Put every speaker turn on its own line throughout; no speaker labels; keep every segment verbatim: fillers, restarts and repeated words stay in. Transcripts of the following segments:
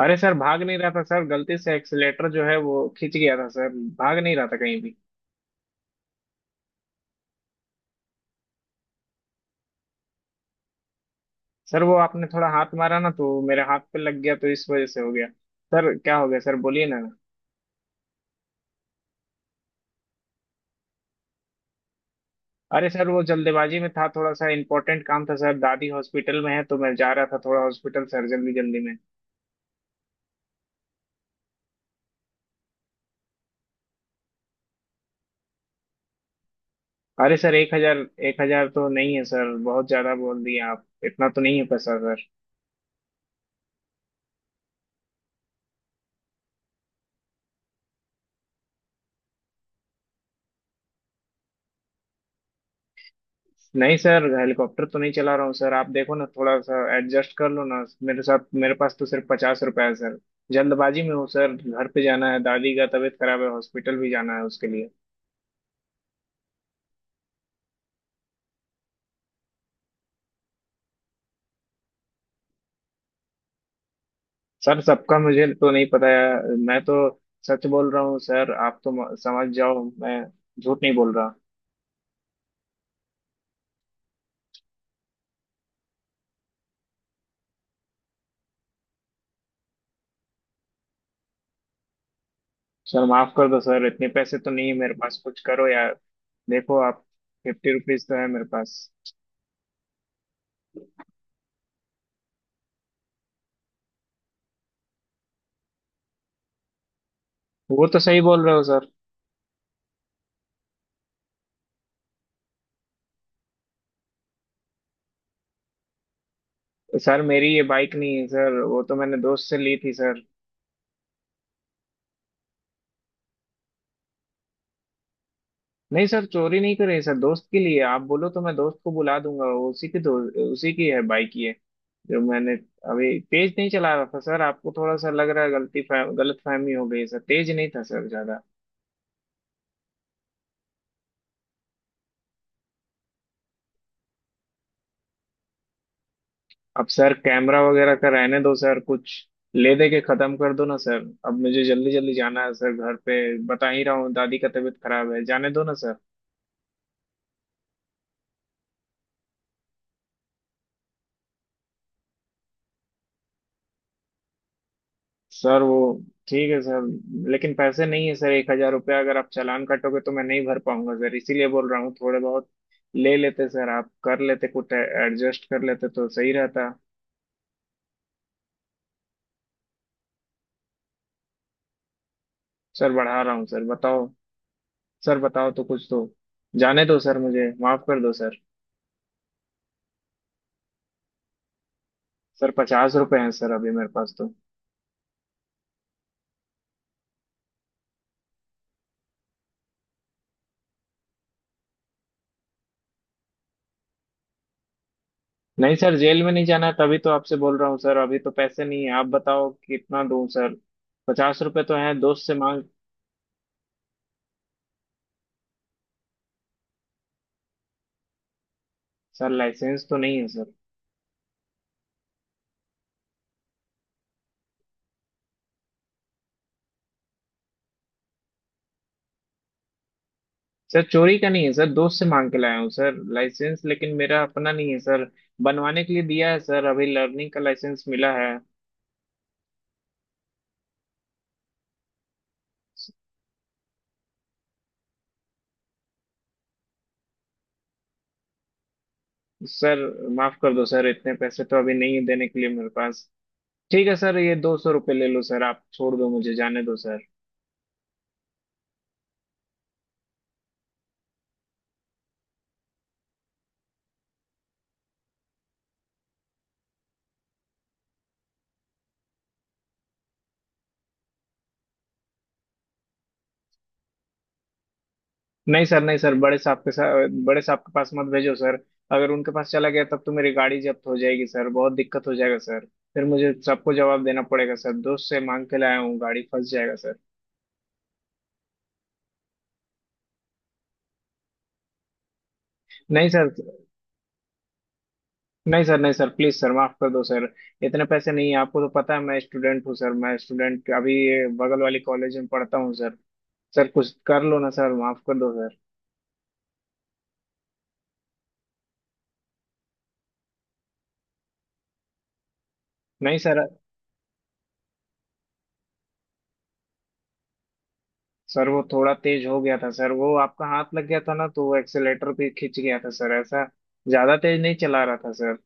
अरे सर भाग नहीं रहा था सर। गलती से एक्सीलेटर जो है वो खींच गया था सर। भाग नहीं रहा था कहीं भी। सर वो आपने थोड़ा हाथ मारा ना, तो मेरे हाथ पे लग गया, तो इस वजह से हो गया। सर क्या हो गया सर, बोलिए ना। अरे सर वो जल्दबाजी में था, थोड़ा सा इंपॉर्टेंट काम था सर। दादी हॉस्पिटल में है तो मैं जा रहा था थोड़ा हॉस्पिटल सर, जल्दी जल्दी में। अरे सर एक हजार! एक हजार तो नहीं है सर, बहुत ज्यादा बोल दिया आप। इतना तो नहीं है पैसा सर। नहीं सर, हेलीकॉप्टर तो नहीं चला रहा हूँ सर। आप देखो ना, थोड़ा सा एडजस्ट कर लो ना मेरे साथ। मेरे पास तो सिर्फ पचास रुपए है सर। जल्दबाजी में हूँ सर, घर पे जाना है। दादी का तबीयत खराब है, हॉस्पिटल भी जाना है उसके लिए। सर सबका मुझे तो नहीं पता है, मैं तो सच बोल रहा हूँ सर। आप तो म- समझ जाओ, मैं झूठ नहीं बोल रहा। सर माफ कर दो सर, इतने पैसे तो नहीं है मेरे पास। कुछ करो यार, देखो आप। फिफ्टी रुपीज तो है मेरे पास। वो तो सही बोल रहे हो सर। सर मेरी ये बाइक नहीं है सर, वो तो मैंने दोस्त से ली थी सर। नहीं सर, चोरी नहीं करे सर। दोस्त के लिए आप बोलो तो मैं दोस्त को बुला दूंगा। वो उसी की दो, उसी की है बाइक ये, जो मैंने। अभी तेज नहीं चला रहा था सर, आपको थोड़ा सा लग रहा है। गलती फह, गलत फहमी हो गई सर, तेज नहीं था सर ज्यादा। अब सर कैमरा वगैरह का रहने दो सर। कुछ ले दे के खत्म कर दो ना सर, अब मुझे जल्दी जल्दी जाना है सर घर पे। बता ही रहा हूँ दादी का तबीयत खराब है, जाने दो ना सर। सर वो ठीक है सर, लेकिन पैसे नहीं है सर। एक हजार रुपया अगर आप चालान काटोगे तो मैं नहीं भर पाऊंगा सर। इसीलिए बोल रहा हूँ, थोड़े बहुत ले लेते सर। आप कर लेते, कुछ एडजस्ट कर लेते तो सही रहता। सर बढ़ा रहा हूँ सर, बताओ सर। बताओ तो कुछ तो, जाने दो सर, मुझे माफ कर दो सर। सर पचास रुपए हैं सर अभी मेरे पास तो। नहीं सर, जेल में नहीं जाना है। तभी तो आपसे बोल रहा हूँ सर, अभी तो पैसे नहीं है। आप बताओ कितना दूं सर, पचास रुपए तो हैं, दोस्त से मांग। सर लाइसेंस तो नहीं है सर। सर चोरी का नहीं है सर, दोस्त से मांग के लाया हूँ सर। लाइसेंस लेकिन मेरा अपना नहीं है सर, बनवाने के लिए दिया है सर। अभी लर्निंग का लाइसेंस मिला है। सर माफ कर दो सर, इतने पैसे तो अभी नहीं है देने के लिए मेरे पास। ठीक है सर, ये दो सौ रुपये ले लो सर, आप छोड़ दो मुझे, जाने दो सर। नहीं सर, नहीं सर, बड़े साहब के साथ, बड़े साहब के पास मत भेजो सर। अगर उनके पास चला गया तब तो मेरी गाड़ी जब्त हो जाएगी सर, बहुत दिक्कत हो जाएगा सर। फिर मुझे सबको जवाब देना पड़ेगा सर, दोस्त से मांग के लाया हूँ, गाड़ी फंस जाएगा सर। नहीं सर, नहीं सर, नहीं सर, प्लीज सर, माफ कर दो सर। इतने पैसे नहीं है, आपको तो पता है मैं स्टूडेंट हूँ सर। मैं स्टूडेंट अभी बगल वाली कॉलेज में पढ़ता हूँ सर। सर कुछ कर लो ना सर, माफ कर दो सर। नहीं सर। सर वो थोड़ा तेज हो गया था सर, वो आपका हाथ लग गया था ना तो वो एक्सेलेटर भी खिंच गया था सर। ऐसा ज्यादा तेज नहीं चला रहा था सर।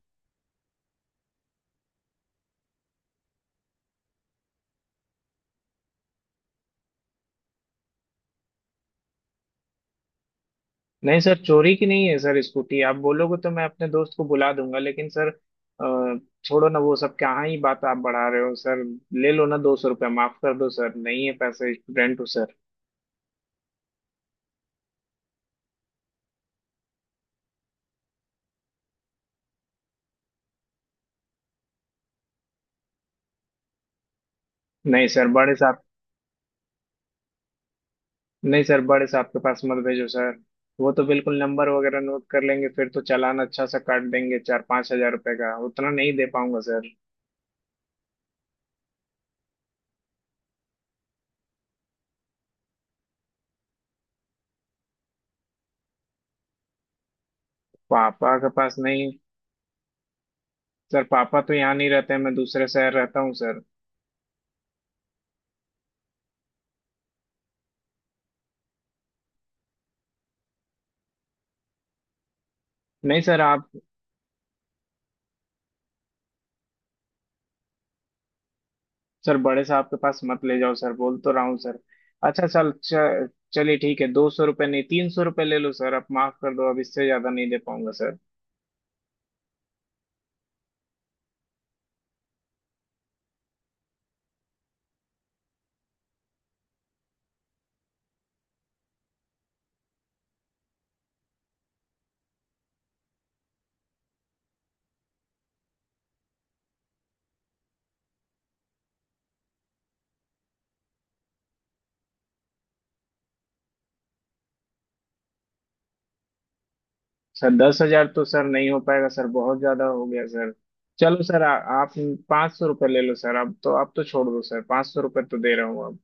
नहीं सर, चोरी की नहीं है सर स्कूटी। आप बोलोगे तो मैं अपने दोस्त को बुला दूंगा, लेकिन सर अ, छोड़ो ना वो सब। कहाँ ही बात आप बढ़ा रहे हो सर? ले लो ना दो सौ रुपया, माफ कर दो सर। नहीं है पैसे, स्टूडेंट हूँ सर। नहीं सर बड़े साहब, नहीं सर बड़े साहब के पास मत भेजो सर। वो तो बिल्कुल नंबर वगैरह नोट कर लेंगे, फिर तो चालान अच्छा सा काट देंगे, चार पाँच हजार रुपए का, उतना नहीं दे पाऊंगा सर। पापा के पास नहीं सर, पापा तो यहाँ नहीं रहते हैं, मैं दूसरे शहर रहता हूँ सर। नहीं सर आप, सर बड़े साहब के पास मत ले जाओ सर, बोल तो रहा हूँ सर। अच्छा सर च- चलिए, ठीक है। दो सौ रुपये नहीं, तीन सौ रुपये ले लो सर, आप माफ कर दो, अब इससे ज्यादा नहीं दे पाऊंगा सर। सर दस हजार तो सर नहीं हो पाएगा सर, बहुत ज्यादा हो गया सर। चलो सर आ, आप पाँच सौ रुपये ले लो सर, अब तो आप तो छोड़ दो सर। पाँच सौ रुपये तो दे रहा हूँ अब।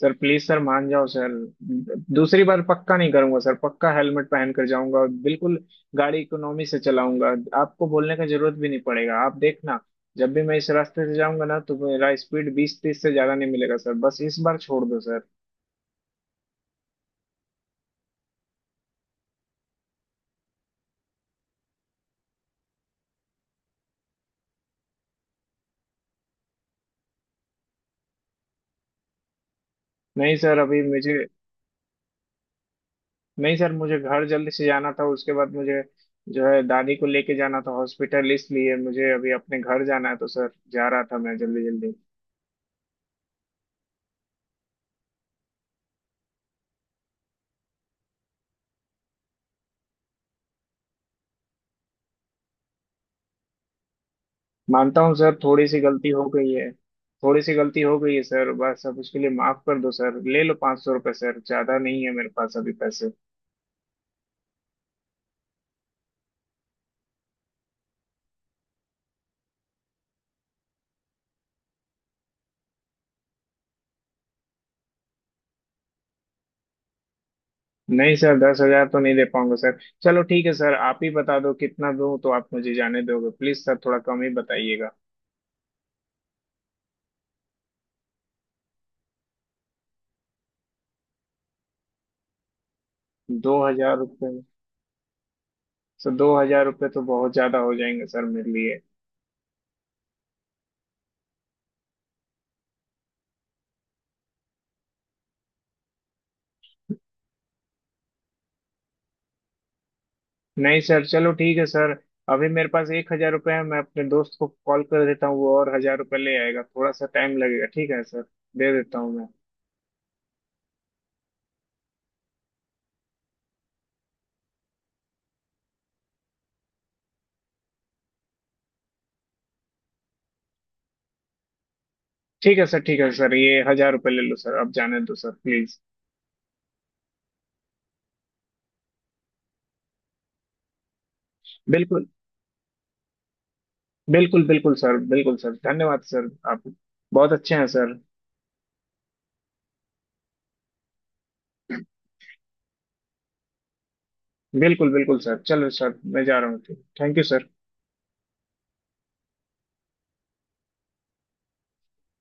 सर प्लीज सर मान जाओ सर, दूसरी बार पक्का नहीं करूंगा सर। पक्का हेलमेट पहन कर जाऊंगा और बिल्कुल गाड़ी इकोनॉमी से चलाऊंगा। आपको बोलने का जरूरत भी नहीं पड़ेगा, आप देखना। जब भी मैं इस रास्ते से जाऊंगा ना, तो मेरा स्पीड बीस तीस से ज्यादा नहीं मिलेगा सर। बस इस बार छोड़ दो सर। नहीं सर अभी मुझे, नहीं सर मुझे घर जल्दी से जाना था। उसके बाद मुझे जो है दादी को लेके जाना था हॉस्पिटल, इसलिए मुझे अभी अपने घर जाना है, तो सर जा रहा था मैं जल्दी जल्दी। मानता हूँ सर, थोड़ी सी गलती हो गई है। थोड़ी सी गलती हो गई है सर, बस अब उसके लिए माफ कर दो सर। ले लो पाँच सौ रुपये सर, ज्यादा नहीं है मेरे पास अभी पैसे। नहीं सर, दस हजार तो नहीं दे पाऊंगा सर। चलो ठीक है सर, आप ही बता दो कितना दूं तो आप मुझे जाने दोगे, प्लीज सर थोड़ा कम ही बताइएगा। दो हजार रुपये? सर दो हजार रुपये तो बहुत ज्यादा हो जाएंगे सर मेरे लिए। नहीं सर, चलो ठीक है सर। अभी मेरे पास एक हजार रुपये है, मैं अपने दोस्त को कॉल कर देता हूँ, वो और हजार रुपये ले आएगा। थोड़ा सा टाइम लगेगा, ठीक है सर? दे देता हूँ मैं। ठीक है सर, ठीक है सर, ये हजार रुपये ले लो सर, अब जाने दो सर प्लीज। बिल्कुल, बिल्कुल बिल्कुल सर, बिल्कुल सर, धन्यवाद सर, आप बहुत अच्छे हैं सर। बिल्कुल बिल्कुल सर, चलो सर मैं जा रहा हूँ। Thank you sir.